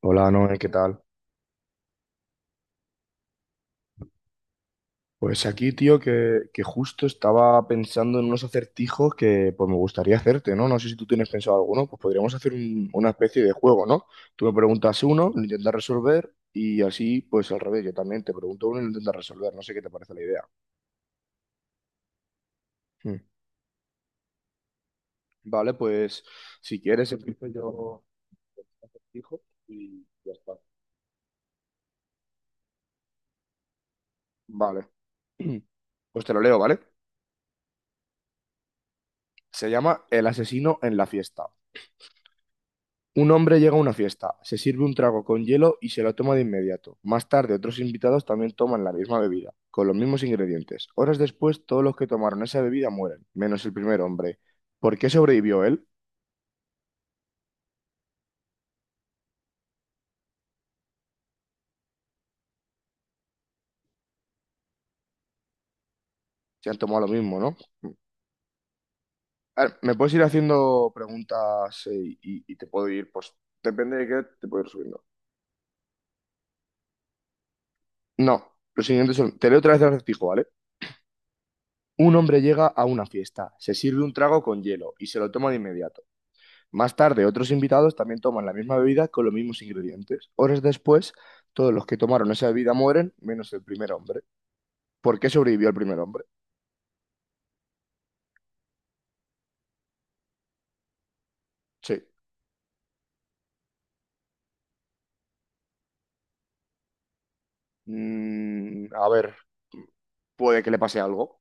Hola, Noé, ¿qué tal? Pues aquí, tío, que justo estaba pensando en unos acertijos que pues me gustaría hacerte, ¿no? No sé si tú tienes pensado alguno, pues podríamos hacer una especie de juego, ¿no? Tú me preguntas uno, lo intentas resolver y así, pues al revés, yo también te pregunto uno y lo intentas resolver, no sé qué te parece la idea. Mm. Vale, pues si quieres empiezo yo con un acertijo y ya está. Vale. Pues te lo leo, ¿vale? Se llama El asesino en la fiesta. Un hombre llega a una fiesta, se sirve un trago con hielo y se lo toma de inmediato. Más tarde, otros invitados también toman la misma bebida, con los mismos ingredientes. Horas después, todos los que tomaron esa bebida mueren, menos el primer hombre. ¿Por qué sobrevivió él? Se han tomado lo mismo, ¿no? A ver, me puedes ir haciendo preguntas y te puedo ir, pues, depende de qué, te puedo ir subiendo. No, los siguientes son, te leo otra vez el acertijo, ¿vale? Un hombre llega a una fiesta, se sirve un trago con hielo y se lo toma de inmediato. Más tarde, otros invitados también toman la misma bebida con los mismos ingredientes. Horas después, todos los que tomaron esa bebida mueren, menos el primer hombre. ¿Por qué sobrevivió el primer hombre? Sí. A ver, puede que le pase algo.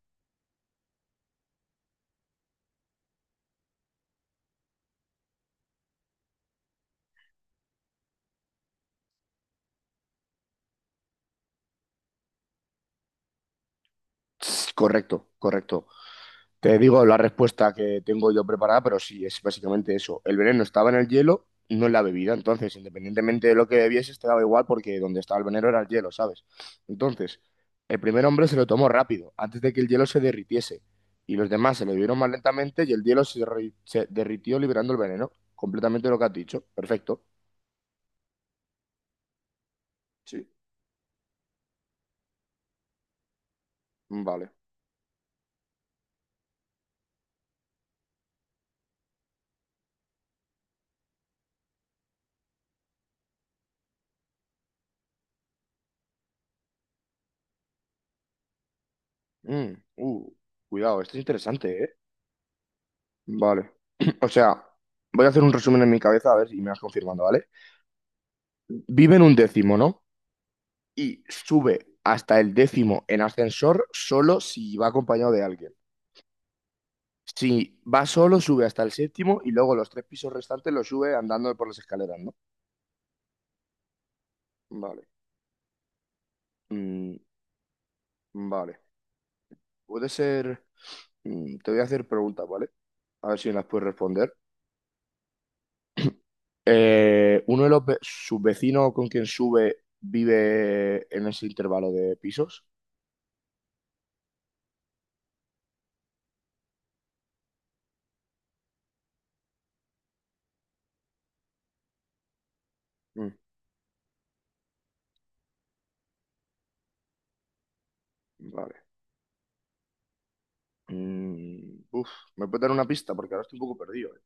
Correcto, correcto. Te digo la respuesta que tengo yo preparada, pero sí, es básicamente eso. El veneno estaba en el hielo, no en la bebida. Entonces, independientemente de lo que bebieses, te daba igual porque donde estaba el veneno era el hielo, ¿sabes? Entonces, el primer hombre se lo tomó rápido, antes de que el hielo se derritiese. Y los demás se lo bebieron más lentamente y el hielo se derritió liberando el veneno. Completamente lo que has dicho. Perfecto. Sí. Vale. Mm, uh, cuidado, esto es interesante, ¿eh? Vale. O sea, voy a hacer un resumen en mi cabeza a ver si me vas confirmando, ¿vale? Vive en un décimo, ¿no? Y sube hasta el décimo en ascensor solo si va acompañado de alguien. Si va solo, sube hasta el séptimo y luego los tres pisos restantes los sube andando por las escaleras, ¿no? Vale. Mm, vale. Puede ser... te voy a hacer preguntas, ¿vale? A ver si me las puedes responder. ¿Uno de los sus vecinos con quien sube vive en ese intervalo de pisos? Mm, vale. Mm, uf, ¿Me puedes dar una pista? Porque ahora estoy un poco perdido, ¿eh?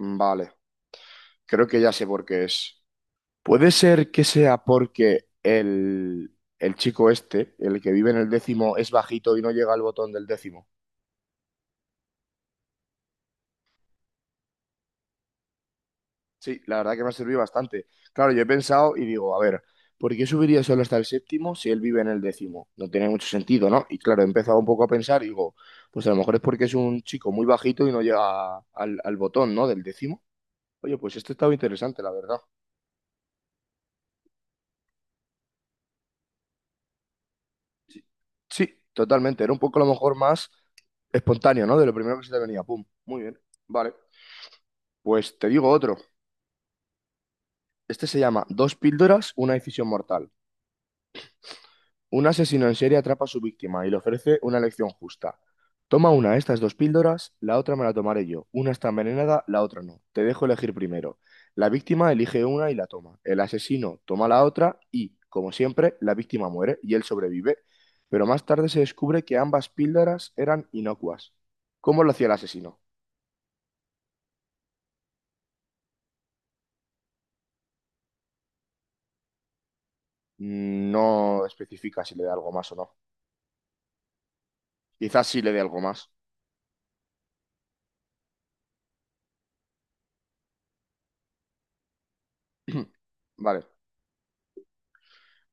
Vale, creo que ya sé por qué es. Puede ser que sea porque el chico este, el que vive en el décimo, es bajito y no llega al botón del décimo. Sí, la verdad que me ha servido bastante. Claro, yo he pensado y digo, a ver, ¿por qué subiría solo hasta el séptimo si él vive en el décimo? No tiene mucho sentido, ¿no? Y claro, he empezado un poco a pensar y digo, pues a lo mejor es porque es un chico muy bajito y no llega al botón, ¿no? Del décimo. Oye, pues esto estaba interesante, la verdad. Sí, sí, totalmente. Era un poco a lo mejor más. Espontáneo, ¿no? De lo primero que se te venía. Pum. Muy bien. Vale. Pues te digo otro. Este se llama Dos píldoras, una decisión mortal. Un asesino en serie atrapa a su víctima y le ofrece una elección justa. Toma una de estas dos píldoras, la otra me la tomaré yo. Una está envenenada, la otra no. Te dejo elegir primero. La víctima elige una y la toma. El asesino toma la otra y, como siempre, la víctima muere y él sobrevive. Pero más tarde se descubre que ambas píldoras eran inocuas. ¿Cómo lo hacía el asesino? No especifica si le da algo más o no. Quizás sí le dé algo más. Vale.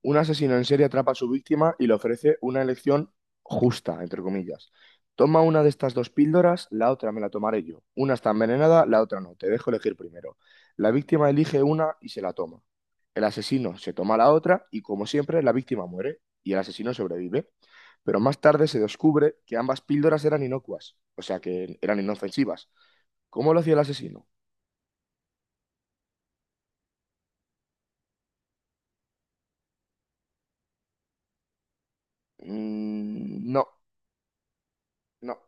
Un asesino en serie atrapa a su víctima y le ofrece una elección justa, entre comillas. Toma una de estas dos píldoras, la otra me la tomaré yo. Una está envenenada, la otra no. Te dejo elegir primero. La víctima elige una y se la toma. El asesino se toma la otra y, como siempre, la víctima muere y el asesino sobrevive. Pero más tarde se descubre que ambas píldoras eran inocuas, o sea que eran inofensivas. ¿Cómo lo hacía el asesino? No, no,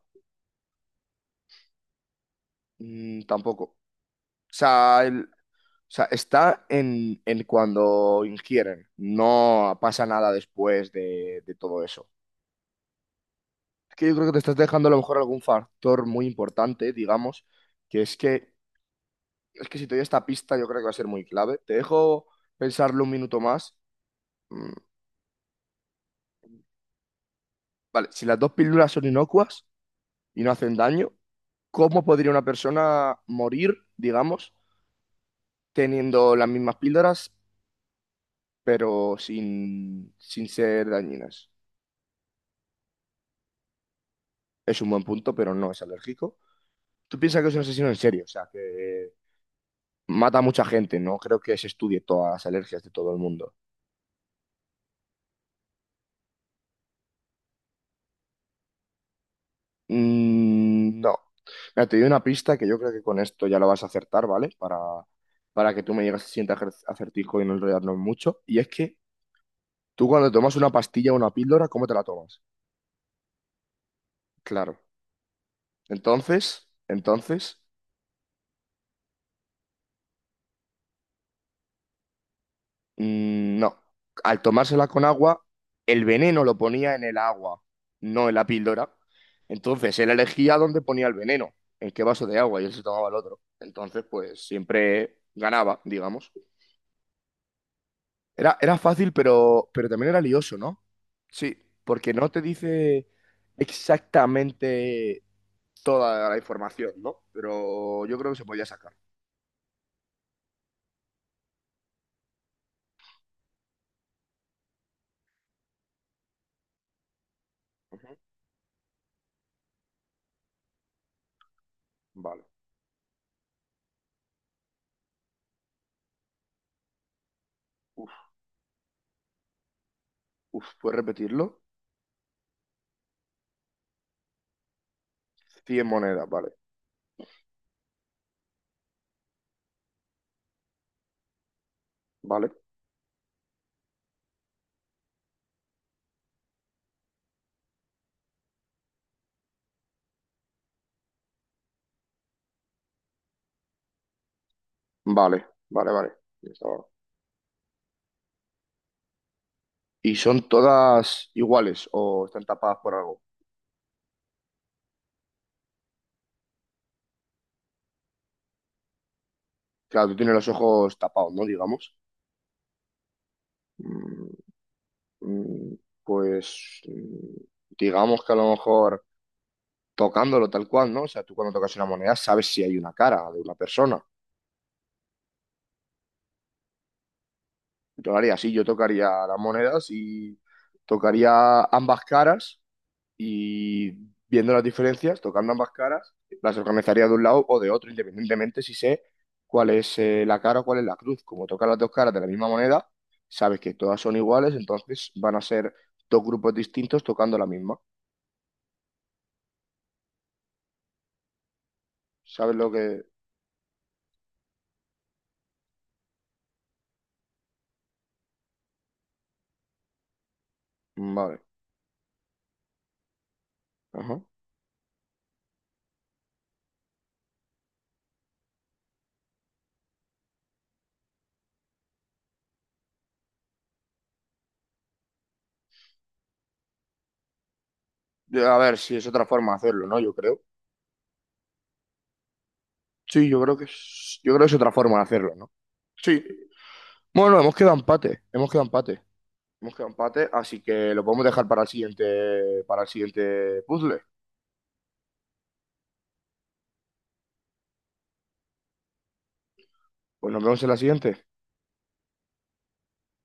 tampoco. O sea, o sea, está en cuando ingieren. No pasa nada después de todo eso. Es que yo creo que te estás dejando a lo mejor algún factor muy importante, digamos, que es que es que si te doy esta pista yo creo que va a ser muy clave. Te dejo pensarlo un minuto más. Mm, vale, si las dos píldoras son inocuas y no hacen daño, ¿cómo podría una persona morir, digamos, teniendo las mismas píldoras? Pero sin ser dañinas. Es un buen punto, pero no es alérgico. Tú piensas que es un asesino en serio, o sea, que mata a mucha gente, no creo que se estudie todas las alergias de todo el mundo. No. Mira, te doy una pista que yo creo que con esto ya lo vas a acertar, ¿vale? Para que tú me digas si sientes acertijo y no enredarnos mucho. Y es que tú cuando tomas una pastilla o una píldora, ¿cómo te la tomas? Claro. Entonces, no, al tomársela con agua, el veneno lo ponía en el agua, no en la píldora. Entonces, él elegía dónde ponía el veneno, en qué vaso de agua, y él se tomaba el otro. Entonces, pues siempre ganaba, digamos. Era fácil, pero también era lioso, ¿no? Sí, porque no te dice exactamente toda la información, ¿no? Pero yo creo que se podía sacar. Ujú. Vale. Uf, uf, ¿puedes repetirlo? 100 monedas, vale. Vale. Vale. Ya estaba. ¿Y son todas iguales o están tapadas por algo? Claro, tú tienes los ojos tapados, ¿no? Digamos. Mm, mm, Pues digamos que a lo mejor tocándolo tal cual, ¿no? O sea, tú cuando tocas una moneda sabes si hay una cara de una persona. Yo lo haría así, yo tocaría las monedas y tocaría ambas caras y viendo las diferencias, tocando ambas caras, las organizaría de un lado o de otro, independientemente si sé cuál es la cara o cuál es la cruz. Como tocan las dos caras de la misma moneda, sabes que todas son iguales, entonces van a ser dos grupos distintos tocando la misma. ¿Sabes lo que...? Vale. Ajá. A ver si es otra forma de hacerlo, ¿no? Yo creo. Sí, yo creo que es, yo creo que es otra forma de hacerlo, ¿no? Sí. Bueno, hemos quedado empate, así que lo podemos dejar para el siguiente puzzle. Pues nos vemos en la siguiente.